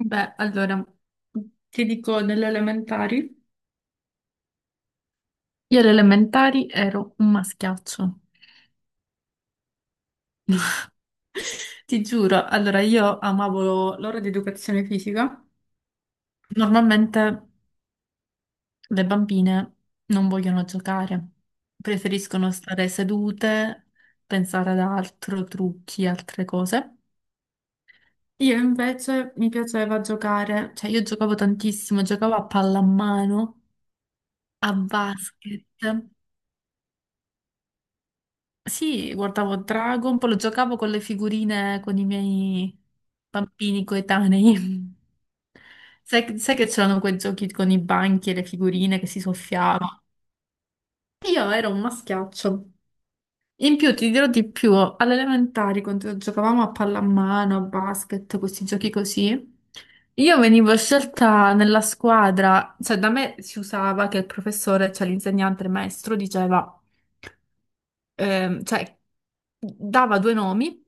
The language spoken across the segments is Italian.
Beh, allora, ti dico delle elementari. Io alle elementari ero un maschiaccio. Ti giuro, allora io amavo l'ora di educazione fisica. Normalmente le bambine non vogliono giocare, preferiscono stare sedute, pensare ad altro, trucchi, altre cose. Io invece mi piaceva giocare, cioè io giocavo tantissimo, giocavo a pallamano, a basket. Sì, guardavo Dragon, poi lo giocavo con le figurine con i miei bambini coetanei. Sai che c'erano quei giochi con i banchi e le figurine che si soffiavano? Io ero un maschiaccio. In più, ti dirò di più, alle elementari, quando giocavamo a pallamano, a basket, questi giochi così, io venivo scelta nella squadra, cioè da me si usava che il professore, cioè l'insegnante, il maestro, diceva. Cioè, dava due nomi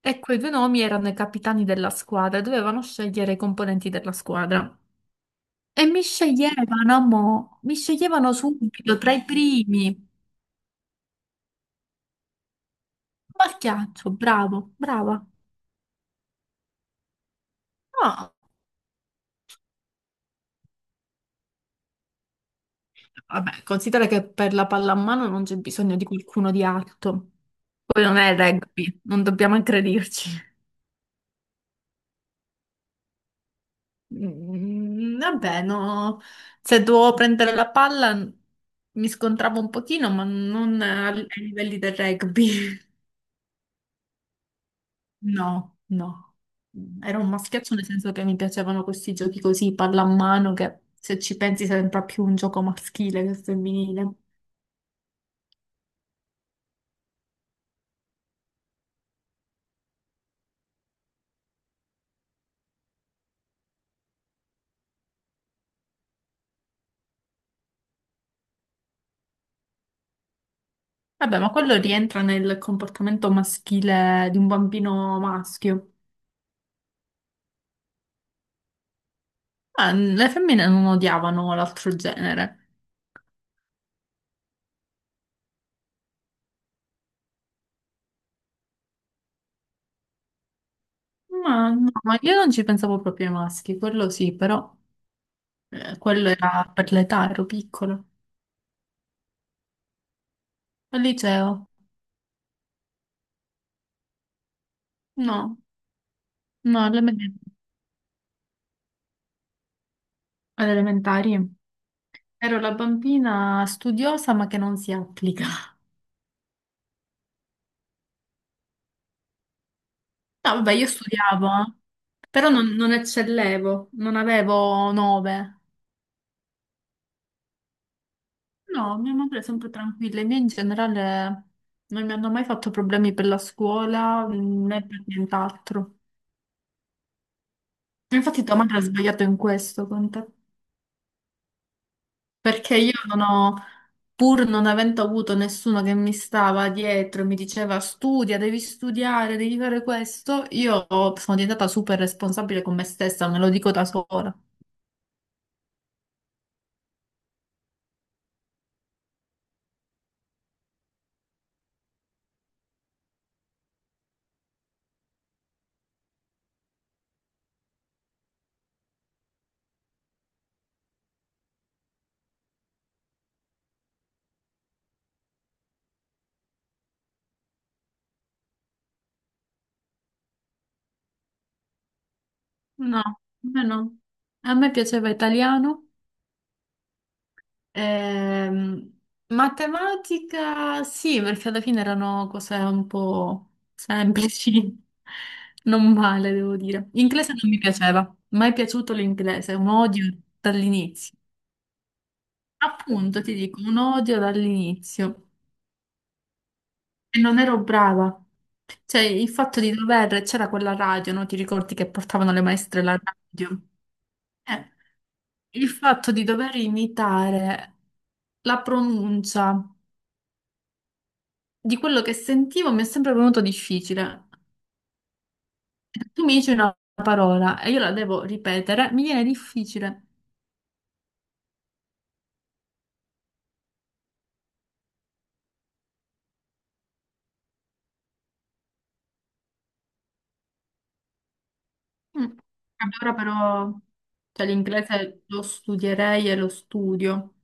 e quei due nomi erano i capitani della squadra, e dovevano scegliere i componenti della squadra. E mi sceglievano, mi sceglievano subito tra i primi. Marchiaccio, bravo, brava. No, vabbè, considera che per la pallamano non c'è bisogno di qualcuno di alto. Poi non è rugby, non dobbiamo aggredirci. Mm, vabbè, no, se dovevo prendere la palla, mi scontravo un pochino, ma non ai livelli del rugby. No, no. Era un maschiaccio nel senso che mi piacevano questi giochi così, pallamano, che se ci pensi sembra più un gioco maschile che femminile. Vabbè, ma quello rientra nel comportamento maschile di un bambino maschio. Ah, le femmine non odiavano l'altro genere. Ma no, ma io non ci pensavo proprio ai maschi, quello sì, però. Quello era per l'età, ero piccolo. Al liceo? No, no, alle elementari. Ero la bambina studiosa ma che non si applica. No, vabbè, io studiavo, eh. Però non eccellevo, non avevo 9. No, mia madre è sempre tranquilla, i miei in generale non mi hanno mai fatto problemi per la scuola, né per nient'altro. Infatti tua madre ha sbagliato in questo con te. Perché io non ho, pur non avendo avuto nessuno che mi stava dietro e mi diceva studia, devi studiare, devi fare questo, io sono diventata super responsabile con me stessa, me lo dico da sola. No, a me no. A me piaceva italiano, ehm, matematica sì, perché alla fine erano cose un po' semplici, non male devo dire. Inglese non mi piaceva, mai piaciuto l'inglese, un odio dall'inizio. Appunto, ti dico, un odio dall'inizio e non ero brava. Cioè, il fatto di dover, c'era quella radio, no? Ti ricordi che portavano le maestre la radio? Eh, il fatto di dover imitare la pronuncia di quello che sentivo mi è sempre venuto difficile. Tu mi dici una parola e io la devo ripetere, mi viene difficile. Mm. Allora però, cioè l'inglese lo studierei e lo studio.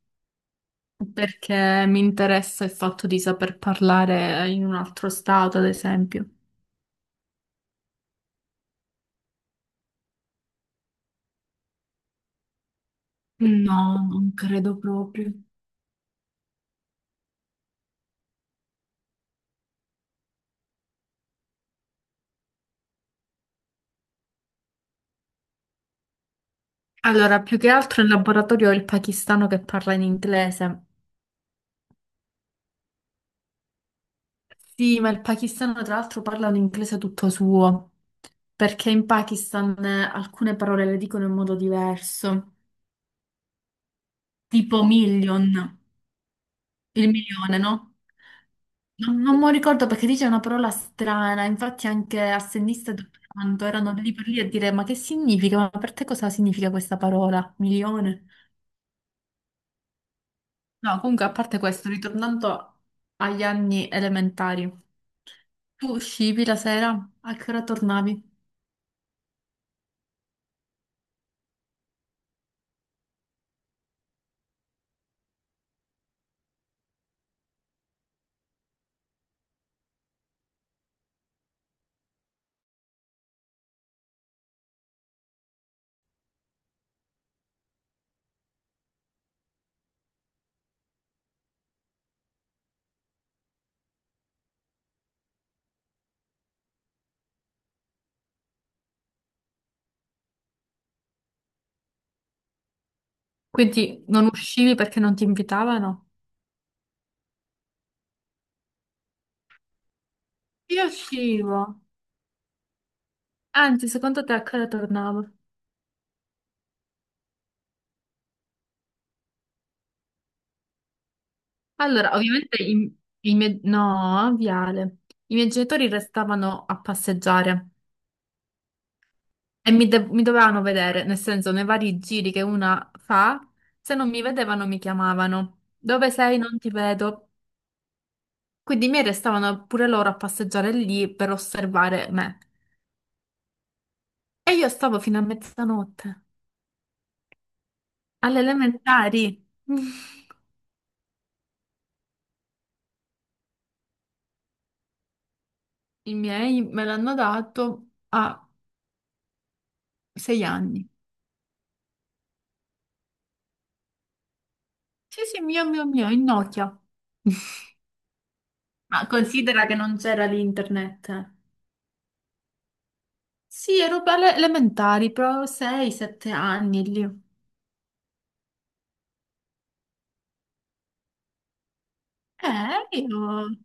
Perché mi interessa il fatto di saper parlare in un altro stato, ad esempio. Mm. No, non credo proprio. Allora, più che altro in laboratorio ho il pakistano che parla in inglese. Sì, ma il pakistano tra l'altro parla un inglese tutto suo, perché in Pakistan alcune parole le dicono in modo diverso, tipo million, il milione, no? Non mi ricordo perché dice una parola strana, infatti anche assennista e dottorando erano lì per lì a dire ma che significa? Ma per te cosa significa questa parola? Milione? No, comunque a parte questo, ritornando agli anni elementari, tu uscivi la sera? A che ora tornavi? Quindi non uscivi perché non ti invitavano? Io uscivo. Anzi, secondo te a che ora tornavo? Allora, ovviamente i miei... No, Viale. I miei genitori restavano a passeggiare. E mi dovevano vedere, nel senso, nei vari giri che una fa, se non mi vedevano mi chiamavano. Dove sei? Non ti vedo. Quindi mi restavano pure loro a passeggiare lì per osservare me. E io stavo fino a mezzanotte, alle elementari. I miei me l'hanno dato a 6 anni. Sì, sì, mio, mio, mio, in Nokia. Ma considera che non c'era l'internet. Sì, ero alle elementari, però 6, 7 anni lì. Io,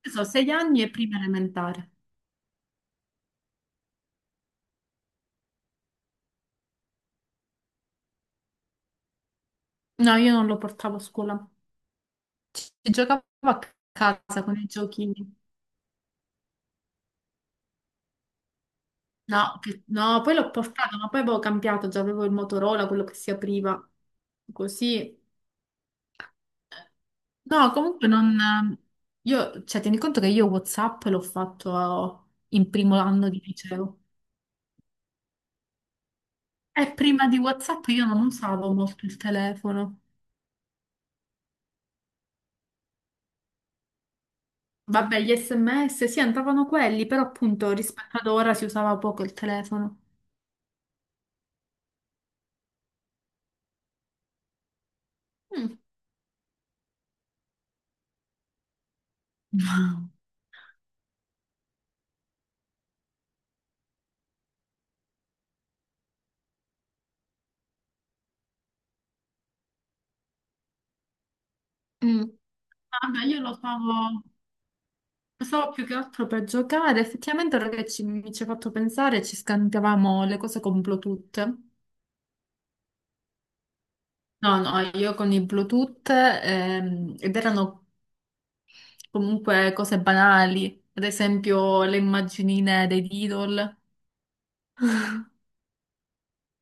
che so, 6 anni e prima elementare. No, io non lo portavo a scuola. Ci giocavo a casa con i giochini. No, che- no, poi l'ho portato, ma poi avevo cambiato, già avevo il Motorola, quello che si apriva. Così. No, comunque non... Io, cioè, tieni conto che io WhatsApp l'ho fatto in primo anno di liceo. E prima di WhatsApp io non usavo molto il telefono. Vabbè, gli SMS sì, entravano quelli, però appunto rispetto ad ora si usava poco il telefono. Mm, wow. Mm. Vabbè, io lo usavo più che altro per giocare. Effettivamente, ora che mi ci ha fatto pensare, ci scambiavamo le cose con Bluetooth. No, no, io con i Bluetooth, ed erano comunque cose banali, ad esempio le immaginine dei Diddle.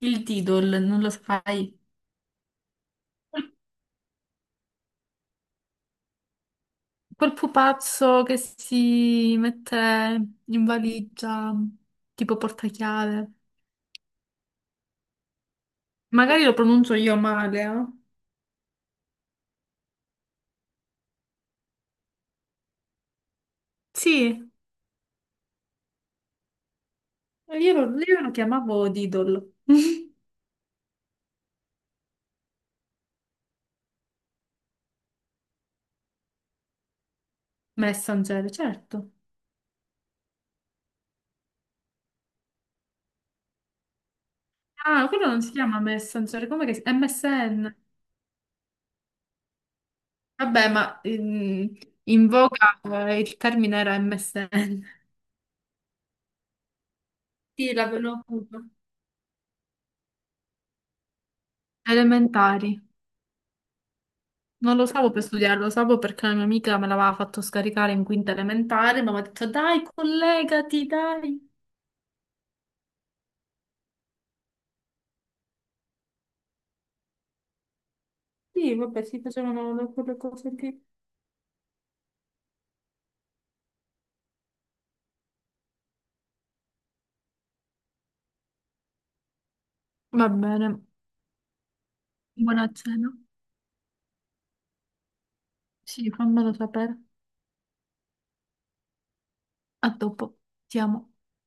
Il Diddle, non lo sai? Quel pupazzo che si mette in valigia, tipo portachiave. Magari lo pronuncio io male, eh? Sì, io lo chiamavo Didol. Messenger, certo. Ah, quello non si chiama Messenger, come che si... MSN. Vabbè, ma in voga il termine era MSN. Sì, l'avevo avuto. Elementari. Non lo usavo per studiare, lo usavo perché la mia amica me l'aveva fatto scaricare in quinta elementare, ma mi ha detto dai, collegati, dai. Sì, vabbè, si facevano quelle cose lì. Va bene, buona cena. Sì, fammelo sapere. A dopo, ti amo.